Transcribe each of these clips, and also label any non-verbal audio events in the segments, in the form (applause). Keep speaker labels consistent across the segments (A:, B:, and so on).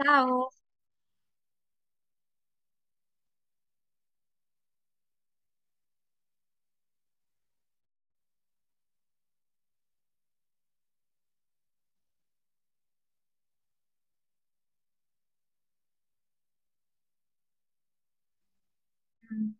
A: Ciao. Mm.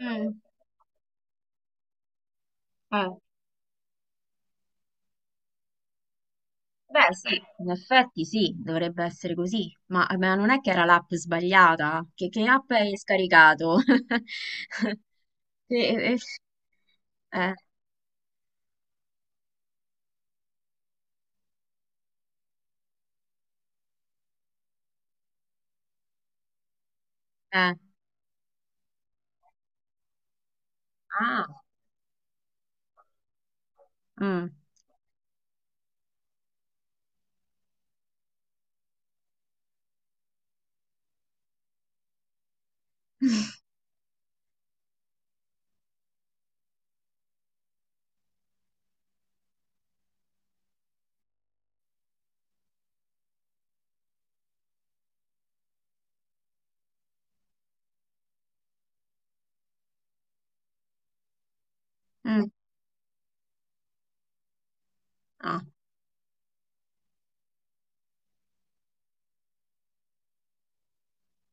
A: Eh, Beh, sì, in effetti sì, dovrebbe essere così, ma non è che era l'app sbagliata? Che app hai scaricato? (laughs) Che- eh, eh. eh. Ah, mm, mm, ah,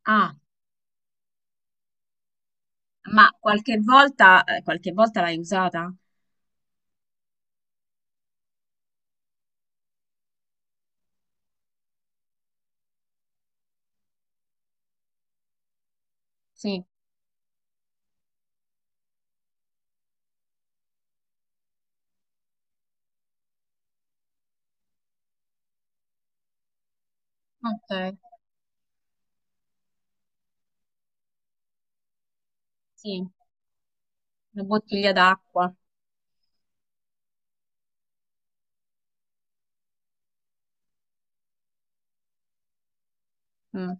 A: ah. Ma qualche volta l'hai usata? Sì, ok, sì, una bottiglia d'acqua. Mm.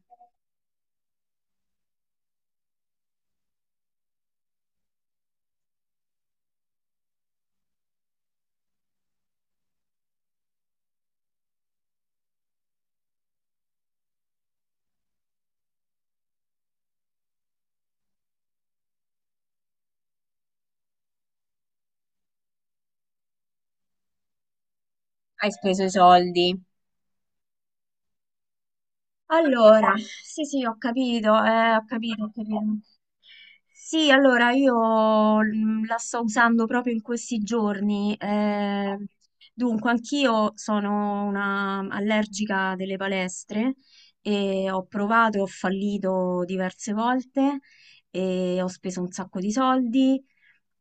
A: Hai speso i soldi. Allora, sì, sì, ho capito, ho capito, ho capito. Sì, allora io la sto usando proprio in questi giorni. Dunque, anch'io sono una allergica delle palestre e ho provato e ho fallito diverse volte e ho speso un sacco di soldi,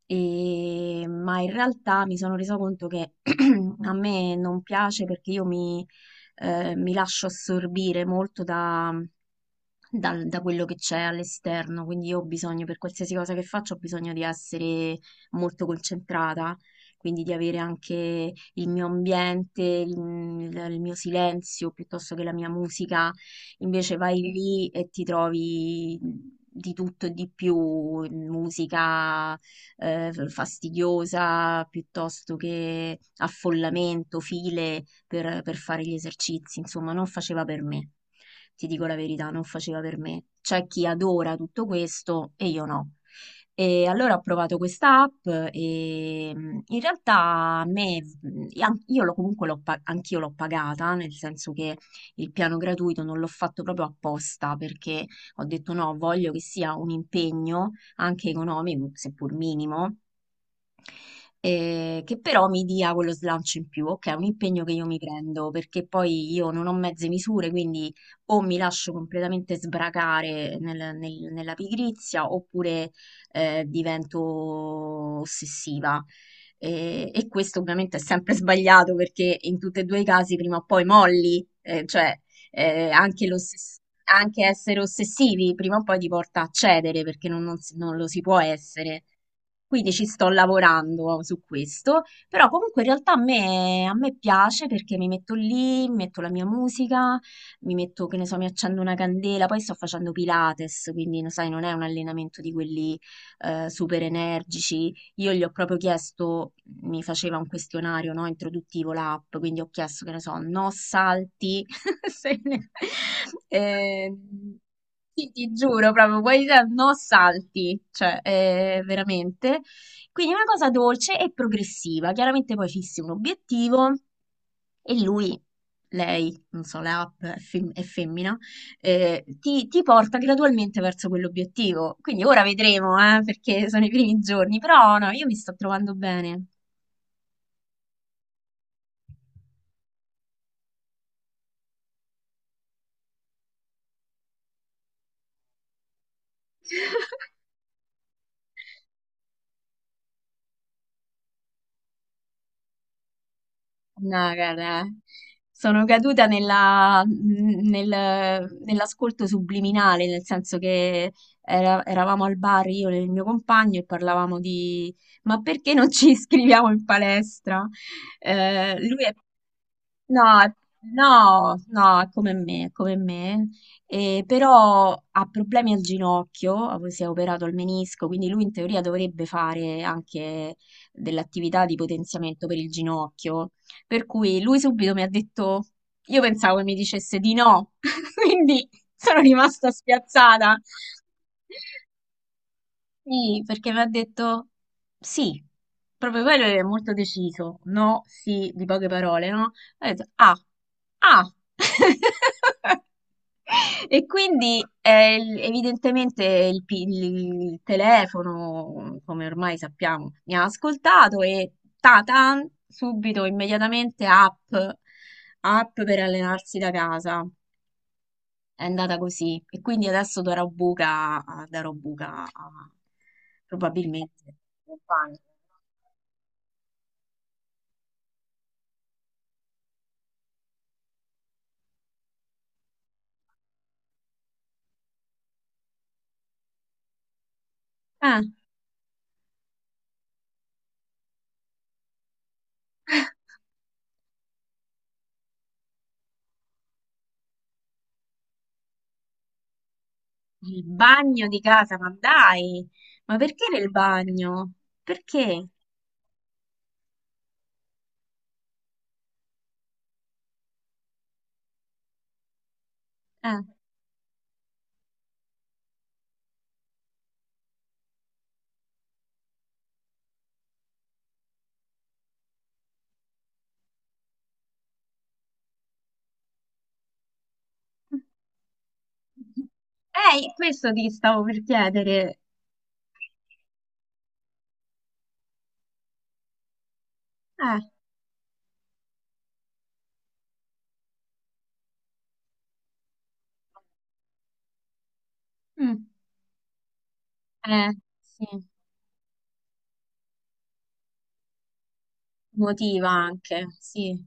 A: ma in realtà mi sono resa conto che (clears throat) a me non piace perché io mi lascio assorbire molto da quello che c'è all'esterno, quindi io ho bisogno, per qualsiasi cosa che faccio, ho bisogno di essere molto concentrata, quindi di avere anche il mio ambiente, il mio silenzio, piuttosto che la mia musica. Invece vai lì e ti trovi di tutto e di più, musica fastidiosa piuttosto che affollamento, file per fare gli esercizi, insomma, non faceva per me. Ti dico la verità, non faceva per me. C'è chi adora tutto questo e io no. E allora ho provato questa app e in realtà a me, e an- comunque anch'io l'ho pagata, nel senso che il piano gratuito non l'ho fatto proprio apposta perché ho detto no, voglio che sia un impegno anche economico, seppur minimo, che però mi dia quello slancio in più. Ok, è un impegno che io mi prendo perché poi io non ho mezze misure, quindi o mi lascio completamente sbracare nella pigrizia oppure divento ossessiva. E questo ovviamente è sempre sbagliato perché in tutti e due i casi prima o poi molli, cioè anche l'ossessione, anche essere ossessivi prima o poi ti porta a cedere perché non lo si può essere. Quindi ci sto lavorando su questo, però comunque in realtà a me piace perché mi metto lì, metto la mia musica, mi metto, che ne so, mi accendo una candela, poi sto facendo Pilates, quindi lo sai, non è un allenamento di quelli super energici. Io gli ho proprio chiesto, mi faceva un questionario, no, introduttivo l'app, quindi ho chiesto, che ne so, no salti. (laughs) Se ne- Eh, sì, ti giuro, proprio, poi no salti, cioè, veramente. Quindi una cosa dolce e progressiva. Chiaramente poi fissi un obiettivo e lui, lei, non so, la app è femmina, ti porta gradualmente verso quell'obiettivo. Quindi ora vedremo, perché sono i primi giorni, però no, io mi sto trovando bene. (laughs) No, guarda, sono caduta nell'ascolto subliminale, nel senso che eravamo al bar io e il mio compagno e parlavamo di, ma perché non ci (laughs) iscriviamo in palestra? Lui è No, no, no, è come me, è come me. Però ha problemi al ginocchio, si è operato al menisco, quindi lui in teoria dovrebbe fare anche dell'attività di potenziamento per il ginocchio, per cui lui subito mi ha detto, io pensavo che mi dicesse di no, (laughs) quindi sono rimasta spiazzata, sì, perché mi ha detto sì, proprio quello è molto deciso, no, sì, di poche parole, no? Ho detto ah, ah! (laughs) E quindi evidentemente il telefono, come ormai sappiamo, mi ha ascoltato e ta-tan, subito, immediatamente app, app per allenarsi da casa è andata così. E quindi adesso da Robuca, probabilmente il bagno. Ah, (laughs) il bagno di casa, ma dai, ma perché nel bagno? Perché? Eh, (laughs) questo ti stavo per chiedere. Eh, mm, eh, sì, motiva anche, sì.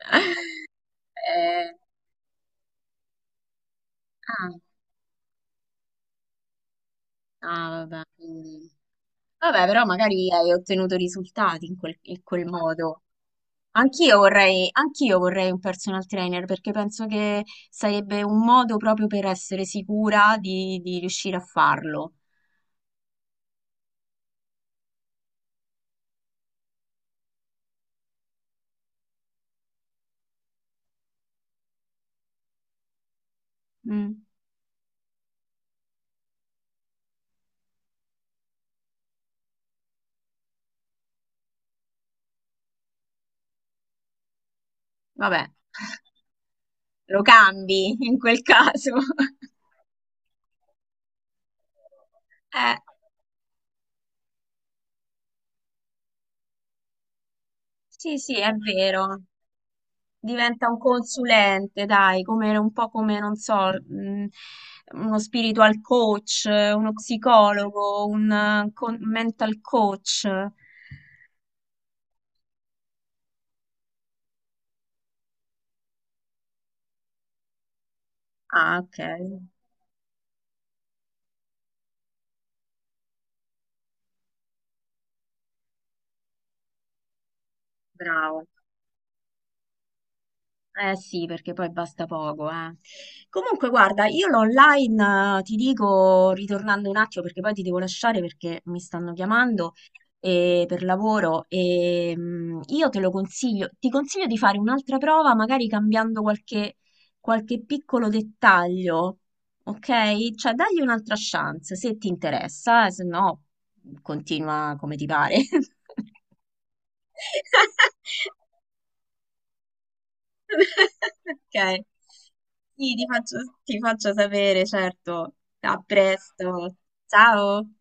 A: (laughs) Eh, ah, ah, vabbè, quindi. Vabbè, però magari hai ottenuto risultati in quel modo. Anch'io vorrei un personal trainer perché penso che sarebbe un modo proprio per essere sicura di riuscire a farlo. Mm, vabbè. (laughs) Lo cambi in quel caso. (laughs) Eh, sì, sì, è vero. Diventa un consulente, dai, come un po' come, non so, uno spiritual coach, uno psicologo, un mental coach. Ah, ok, bravo. Eh sì, perché poi basta poco, eh. Comunque, guarda, io l'online, ti dico, ritornando un attimo, perché poi ti devo lasciare perché mi stanno chiamando per lavoro, e io te lo consiglio, ti consiglio di fare un'altra prova, magari cambiando qualche piccolo dettaglio, ok? Cioè, dagli un'altra chance, se ti interessa, se no, continua come ti pare. (laughs) (laughs) Ok. Sì, ti faccio sapere, certo. A presto. Ciao.